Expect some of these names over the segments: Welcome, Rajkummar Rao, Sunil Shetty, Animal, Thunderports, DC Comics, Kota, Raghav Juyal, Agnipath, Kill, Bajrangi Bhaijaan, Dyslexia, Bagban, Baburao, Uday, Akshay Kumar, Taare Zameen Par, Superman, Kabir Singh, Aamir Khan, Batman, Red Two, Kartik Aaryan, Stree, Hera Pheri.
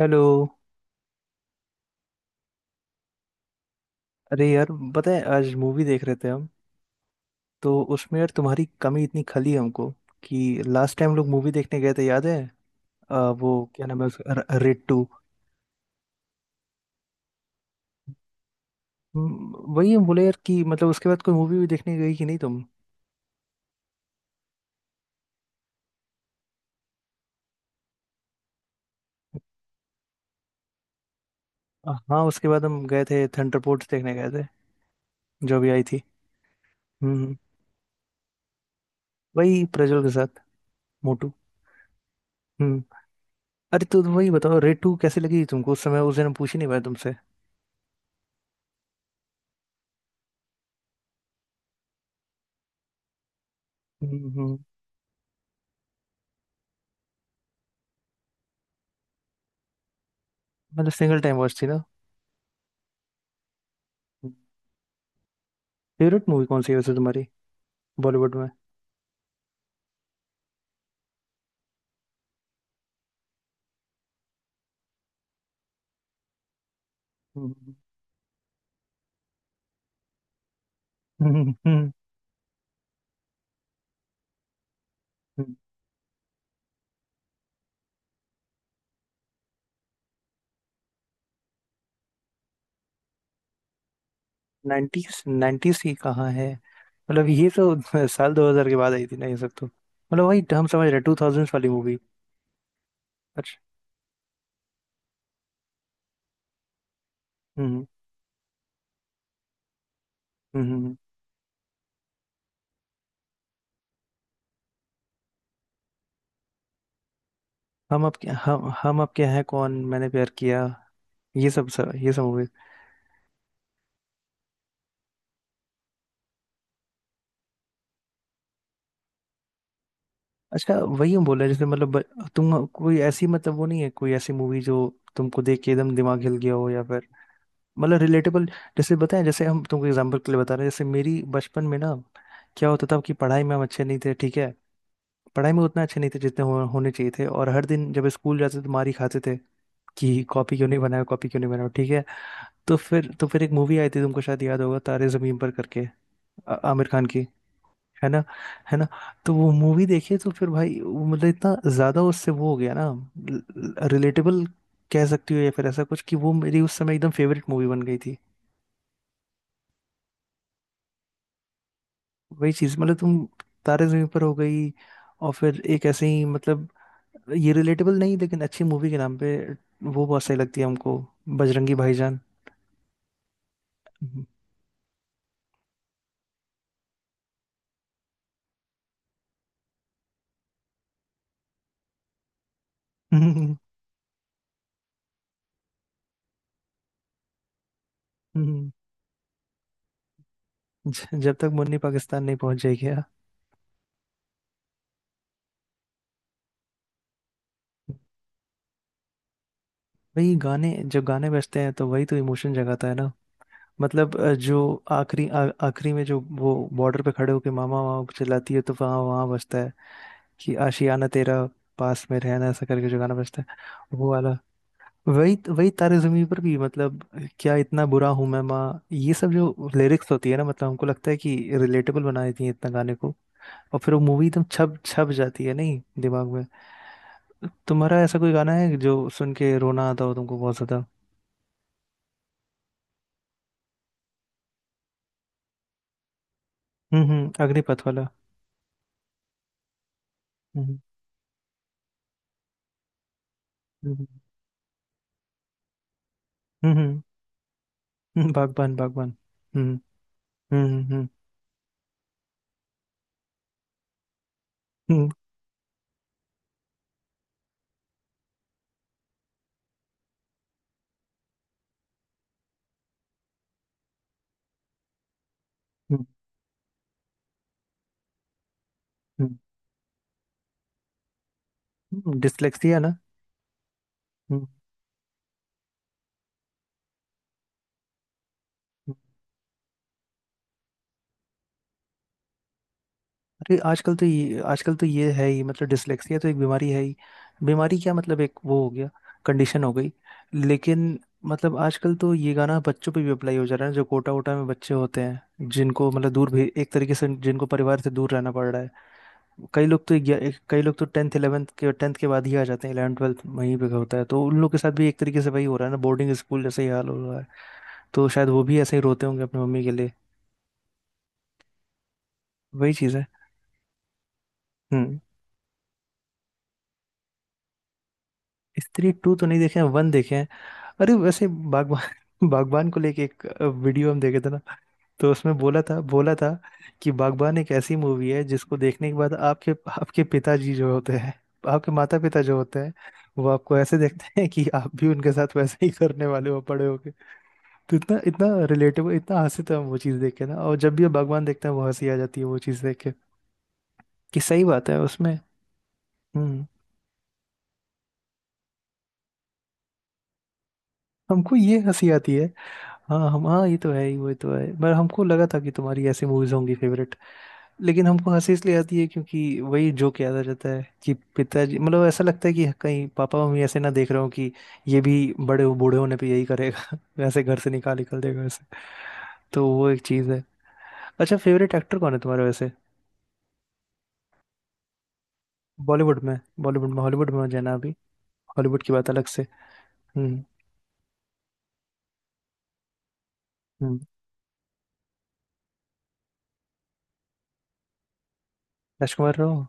Hello. अरे यार, पता है आज मूवी देख रहे थे हम। तो उसमें यार तुम्हारी कमी इतनी खली हमको कि लास्ट टाइम लोग मूवी देखने गए थे, याद है। वो क्या नाम है उसका रेड टू। वही हम बोले यार कि मतलब उसके बाद कोई मूवी भी देखने गई कि नहीं तुम। हाँ, उसके बाद हम गए थे थंडरपोर्ट्स देखने गए थे। जो भी आई थी। हम्म। वही प्रज्वल के साथ। मोटू। हम्म। अरे तो वही बताओ रेड टू कैसे लगी तुमको, उस समय उस दिन हम पूछ ही नहीं पाए तुमसे। हम्म। मतलब सिंगल टाइम वॉच थी ना। फेवरेट मूवी कौन सी है वैसे तुम्हारी? बॉलीवुड में। नाइन्टीज। नाइन्टीज की कहाँ है, मतलब ये तो साल 2000 के बाद आई थी ना ये सब तो, मतलब वही हम समझ रहे 2000 वाली मूवी। अच्छा। हम्म हम्म हम्म। हम आपके हैं कौन, मैंने प्यार किया। ये सब मूवी। अच्छा। वही हम बोल रहे हैं जैसे, मतलब तुम कोई ऐसी, मतलब वो नहीं है, कोई ऐसी मूवी जो तुमको देख के एकदम दिमाग हिल गया हो, या फिर मतलब रिलेटेबल। जैसे बताएं, जैसे हम तुमको एग्जांपल के लिए बता रहे हैं, जैसे मेरी बचपन में ना। क्या होता था कि पढ़ाई में हम अच्छे नहीं थे, ठीक है। पढ़ाई में उतना अच्छे नहीं थे जितने होने चाहिए थे, और हर दिन जब स्कूल जाते थे तो मार ही खाते थे। कि कॉपी क्यों नहीं बनाया, कॉपी क्यों नहीं बनाया, ठीक है। तो फिर एक मूवी आई थी, तुमको शायद याद होगा, तारे जमीन पर करके। आमिर खान की। है ना। है ना। तो वो मूवी देखिए तो फिर भाई वो मतलब इतना ज्यादा उससे वो हो गया ना। रिलेटेबल कह सकती हो, या फिर ऐसा कुछ कि वो मेरी उस समय एकदम फेवरेट मूवी बन गई थी। वही चीज मतलब तुम। तारे जमीन पर हो गई। और फिर एक ऐसे ही मतलब ये रिलेटेबल नहीं, लेकिन अच्छी मूवी के नाम पे वो बहुत सही लगती है हमको। बजरंगी भाईजान। हम्म, हम्म। जब तक मुन्नी पाकिस्तान नहीं पहुंच जाएगी यार। वही गाने, जब गाने बजते हैं तो वही तो इमोशन जगाता है ना। मतलब जो आखिरी आखिरी में जो वो बॉर्डर पे खड़े होके मामा मामा चिल्लाती है तो वहाँ वहाँ बजता है। कि आशियाना तेरा पास में रहना, ऐसा करके जो गाना बजता है। वो वाला। वही वही तारे जमीन पर भी मतलब, क्या इतना बुरा हूं मैं माँ? ये सब जो लिरिक्स होती है ना, मतलब हमको लगता है कि रिलेटेबल बना देती है इतना गाने को। और फिर वो मूवी एकदम छप छप जाती है नहीं दिमाग में। तुम्हारा ऐसा कोई गाना है जो सुन के रोना आता हो तुमको बहुत ज्यादा? हम्म, अग्निपथ वाला। हम्म हम्म हम्म हम्म, हम्म। बागबान बागबान। हम्म हम्म हम्म हम्म हम्म, डिसलेक्सिया ना। हम्म। अरे आजकल तो ये, आजकल तो ये है ही, मतलब डिसलेक्सिया तो एक बीमारी है ही। बीमारी क्या, मतलब एक वो हो गया, कंडीशन हो गई। लेकिन मतलब आजकल तो ये गाना बच्चों पे भी अप्लाई हो जा रहा है, जो कोटा वोटा में बच्चे होते हैं जिनको मतलब दूर भी, एक तरीके से जिनको परिवार से दूर रहना पड़ रहा है। कई लोग तो कई लोग तो 10th 11th के, 10th के बाद ही आ जाते हैं, 11 12th वहीं पे होता है, तो उन लोग के साथ भी एक तरीके से वही हो रहा है ना, बोर्डिंग स्कूल जैसे ही हाल हो रहा है। तो शायद वो भी ऐसे ही रोते होंगे अपनी मम्मी के लिए। वही चीज़ है। हम्म। स्त्री टू तो नहीं देखे हैं, वन देखे हैं। अरे वैसे बागबान बागबान को लेके एक वीडियो हम देखे थे ना। तो उसमें बोला था, बोला था कि बागबान एक ऐसी मूवी है जिसको देखने के बाद आपके, आपके पिताजी जो होते हैं, आपके माता पिता जो होते हैं, वो आपको ऐसे देखते हैं कि आप भी उनके साथ वैसे ही करने वाले हो बड़े होके। तो इतना इतना रिलेटेबल, इतना हंसी था वो चीज़ देख के ना, और जब भी हम बागबान देखते हैं वो हंसी आ जाती है वो चीज़ देख के। कि सही बात है उसमें। हम्म। हमको ये हंसी आती है। हाँ, हम हाँ, ये तो है ही, वो तो है, पर हमको लगा था कि तुम्हारी ऐसी मूवीज होंगी फेवरेट। लेकिन हमको हंसी इसलिए आती है क्योंकि वही जोक याद आ जाता है कि पिताजी मतलब ऐसा लगता है कि कहीं पापा मम्मी ऐसे ना देख रहे हो कि ये भी बूढ़े होने पे यही करेगा वैसे, घर से निकाल निकल देगा वैसे। तो वो एक चीज़ है। अच्छा, फेवरेट एक्टर कौन है तुम्हारा वैसे? बॉलीवुड में। बॉलीवुड में, हॉलीवुड में जाना अभी। हॉलीवुड की बात अलग से। हम्म हम्म, राजकुमार राव।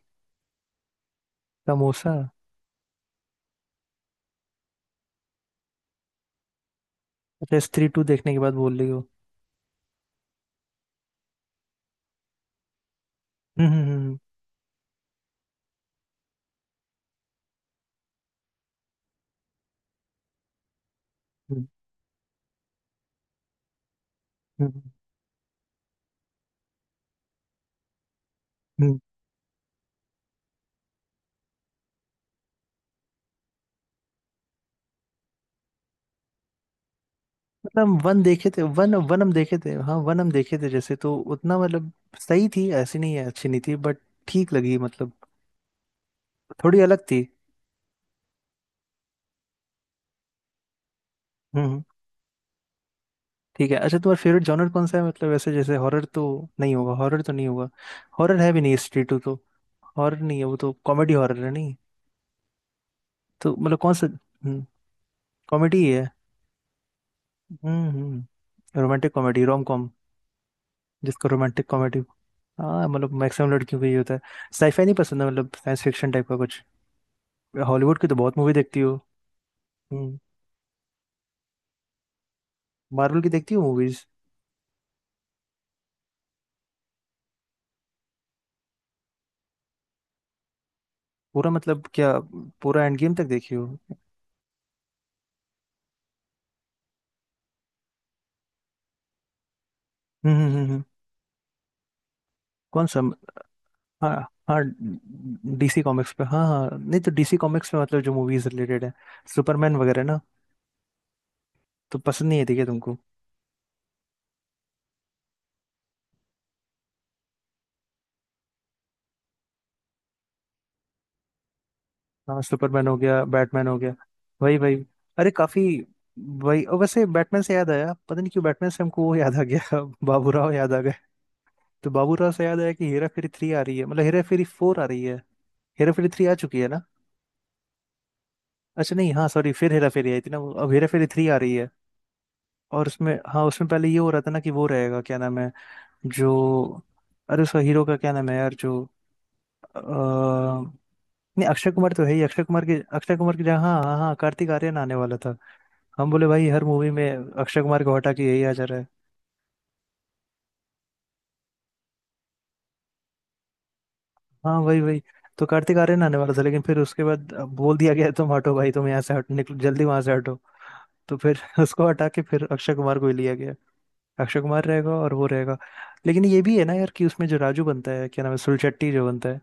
समोसा। अच्छा, स्त्री टू देखने के बाद बोल रही हो। हम्म हम्म हम्म हम्म, हम्म, हम्म। मतलब हम वन देखे थे, वन वन हम देखे थे, हाँ वन हम देखे थे जैसे, तो उतना मतलब सही थी ऐसी नहीं है, अच्छी नहीं थी बट ठीक लगी मतलब, थोड़ी अलग थी। हम्म हम्म, ठीक है। अच्छा तुम्हारा फेवरेट जॉनर कौन सा है, मतलब ऐसे जैसे हॉरर तो नहीं होगा, हॉरर तो नहीं होगा। हॉरर है भी नहीं स्ट्रीट टू तो, हॉरर नहीं है वो तो, कॉमेडी हॉरर है नहीं। तो मतलब कौन सा? हम्म। कॉमेडी है। हम्म। Romantic comedy, rom com. जिसको रोमांटिक कॉमेडी। हाँ, मतलब मैक्सिमम लड़कियों को ये होता है। साईफाई नहीं पसंद है, मतलब साइंस फिक्शन टाइप का कुछ? हॉलीवुड की तो बहुत मूवी देखती हो। हम्म। मार्वल की देखती हो मूवीज? पूरा मतलब क्या? पूरा एंड गेम तक देखी हो हम्म? हम्म हम्म, कौन सा? हाँ हाँ, डीसी कॉमिक्स पे, हाँ हाँ, नहीं तो डीसी कॉमिक्स में मतलब जो मूवीज रिलेटेड है, सुपरमैन वगैरह ना। तो पसंद नहीं है ठीक है तुमको। हाँ, सुपरमैन हो गया, बैटमैन हो गया। वही वही। अरे काफी, वही, और वैसे बैटमैन से याद आया, पता नहीं क्यों बैटमैन से हमको वो याद आ गया बाबूराव याद आ गए। तो बाबूराव से याद आया कि हेरा फेरी थ्री आ रही है, मतलब हेरा फेरी फोर आ रही है। हेरा फेरी थ्री आ चुकी है ना। अच्छा नहीं, हाँ सॉरी, फिर हेरा फेरी आई थी ना वो, अब हेरा फेरी थ्री आ रही है। और उसमें, हाँ उसमें पहले ये हो रहा था ना कि वो रहेगा क्या नाम है जो, अरे उसका हीरो का क्या नाम है यार जो, नहीं, अक्षय कुमार तो है ही, अक्षय कुमार की जगह, हाँ हाँ हाँ, कार्तिक आर्यन आने वाला था। हम बोले भाई, हर मूवी में अक्षय कुमार को हटा के यही आ जा रहा है। हाँ, वही वही। तो कार्तिक आर्यन आने वाला था, लेकिन फिर उसके बाद बोल दिया गया तुम हटो भाई, तुम यहाँ से हटो, निकलो जल्दी वहां से हटो। तो फिर उसको हटा के फिर अक्षय कुमार को ही लिया गया। अक्षय कुमार रहेगा और वो रहेगा। लेकिन ये भी है ना यार कि उसमें जो राजू बनता है क्या नाम है, सुनील शेट्टी जो बनता है।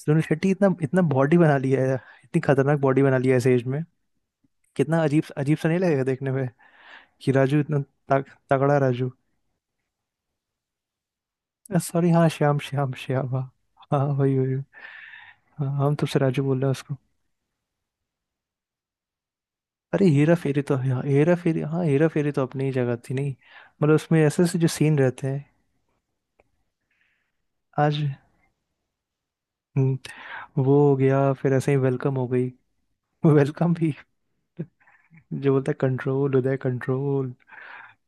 सुनील शेट्टी इतना इतना बॉडी बना लिया है। इतनी खतरनाक बॉडी बना लिया है इस एज में। कितना अजीब अजीब सा नहीं लगेगा देखने में? कि राजू इतना तग, तगड़ा राजू। सॉरी हाँ, श्याम श्याम श्याम, हाँ। हाँ, वही वही। हाँ हम तुमसे राजू बोल रहे हैं उसको। अरे हेरा फेरी तो, हाँ हेरा फेरी, हाँ हेरा फेरी तो अपनी ही जगह थी नहीं। मतलब उसमें ऐसे ऐसे जो सीन रहते हैं। आज। हम्म। वो हो गया, फिर ऐसे ही वेलकम हो गई। वेलकम भी। जो बोलता है, कंट्रोल उदय कंट्रोल।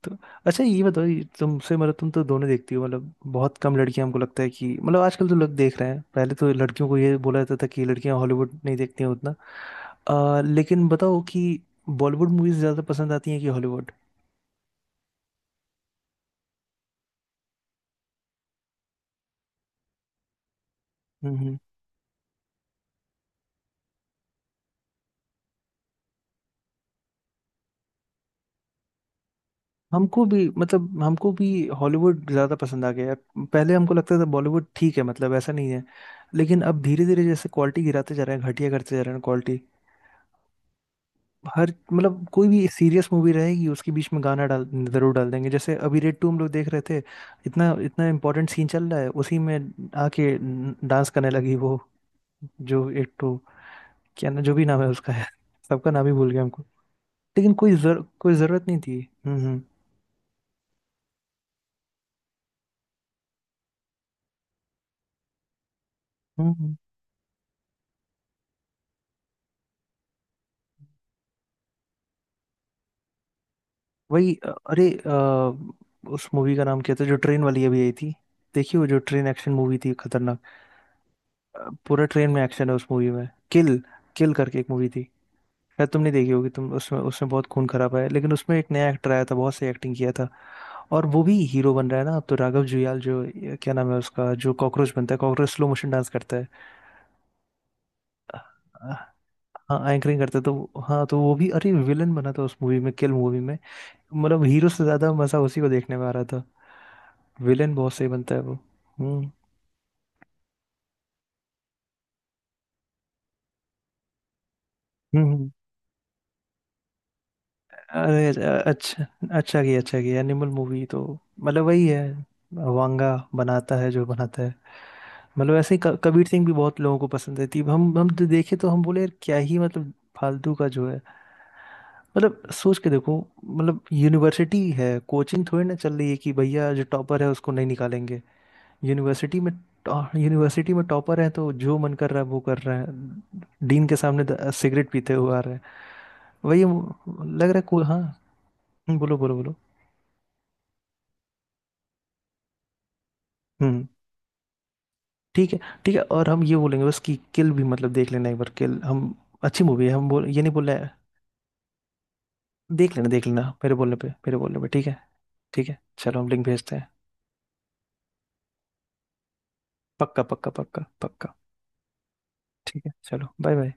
तो अच्छा ये बताओ, ये तुमसे मतलब, तुम तो दोनों देखती हो, मतलब बहुत कम लड़कियां हमको लगता है कि, मतलब आजकल तो लोग देख रहे हैं, पहले तो लड़कियों को ये बोला जाता था कि लड़कियां हॉलीवुड नहीं देखती हैं उतना। लेकिन बताओ कि बॉलीवुड मूवीज ज्यादा पसंद आती हैं कि हॉलीवुड? हम्म हम्म। हमको भी मतलब, हमको भी हॉलीवुड ज़्यादा पसंद आ गया है। पहले हमको लगता था बॉलीवुड ठीक है, मतलब ऐसा नहीं है। लेकिन अब धीरे धीरे जैसे क्वालिटी गिराते जा रहे हैं, घटिया करते जा रहे हैं क्वालिटी। हर मतलब कोई भी सीरियस मूवी रहेगी उसके बीच में गाना डाल जरूर डाल देंगे, जैसे अभी रेड टू हम लोग देख रहे थे। इतना इतना इम्पोर्टेंट सीन चल रहा है उसी में आके डांस करने लगी वो, जो एक तो, क्या ना जो भी नाम है उसका है, सबका नाम ही भूल गया हमको। लेकिन कोई जरूरत नहीं थी। हम्म हम्म हम्म। वही अरे उस मूवी का नाम क्या था जो ट्रेन वाली अभी आई थी? देखिए वो जो ट्रेन एक्शन मूवी थी खतरनाक। पूरा ट्रेन में एक्शन है उस मूवी में, किल, किल करके एक मूवी थी। शायद तुमने देखी होगी तुम, उसमें उसमें बहुत खून खराब है, लेकिन उसमें एक नया एक्टर आया था, बहुत सही एक्टिंग किया था। और वो भी हीरो बन रहा है ना अब तो, राघव जुयाल जो, ये क्या नाम है उसका, जो कॉकरोच बनता है, कॉकरोच स्लो मोशन डांस करता है। हाँ एंकरिंग करता है, तो हाँ तो वो भी अरे विलन बना था उस मूवी में, किल मूवी में। मतलब हीरो से ज्यादा मजा उसी को देखने में आ रहा था। विलन बहुत सही बनता है वो। हम्म हम्म हम्म। अरे अच्छा, अच्छा किया, अच्छा किया, एनिमल मूवी तो मतलब वही है, वांगा बनाता है जो बनाता है। मतलब ऐसे ही कबीर सिंह भी बहुत लोगों को पसंद है थी, हम तो देखे तो हम बोले यार क्या ही मतलब, फालतू का जो है। मतलब सोच के देखो, मतलब यूनिवर्सिटी है, कोचिंग थोड़ी ना चल रही है कि भैया जो टॉपर है उसको नहीं निकालेंगे यूनिवर्सिटी में। यूनिवर्सिटी में टॉपर है तो जो मन कर रहा है वो कर रहा है, डीन के सामने सिगरेट पीते हुए आ रहे हैं। लग रहा है को, हाँ। बोलो बोलो बोलो। हम्म। ठीक है, ठीक है, और हम ये बोलेंगे बस कि किल भी मतलब देख लेना एक बार, किल हम अच्छी मूवी है हम बोल, ये नहीं बोल रहे हैं। देख लेना देख लेना, मेरे बोलने पे मेरे बोलने पे, ठीक है। ठीक है, चलो हम लिंक भेजते हैं। पक्का पक्का पक्का पक्का। ठीक है चलो, बाय बाय।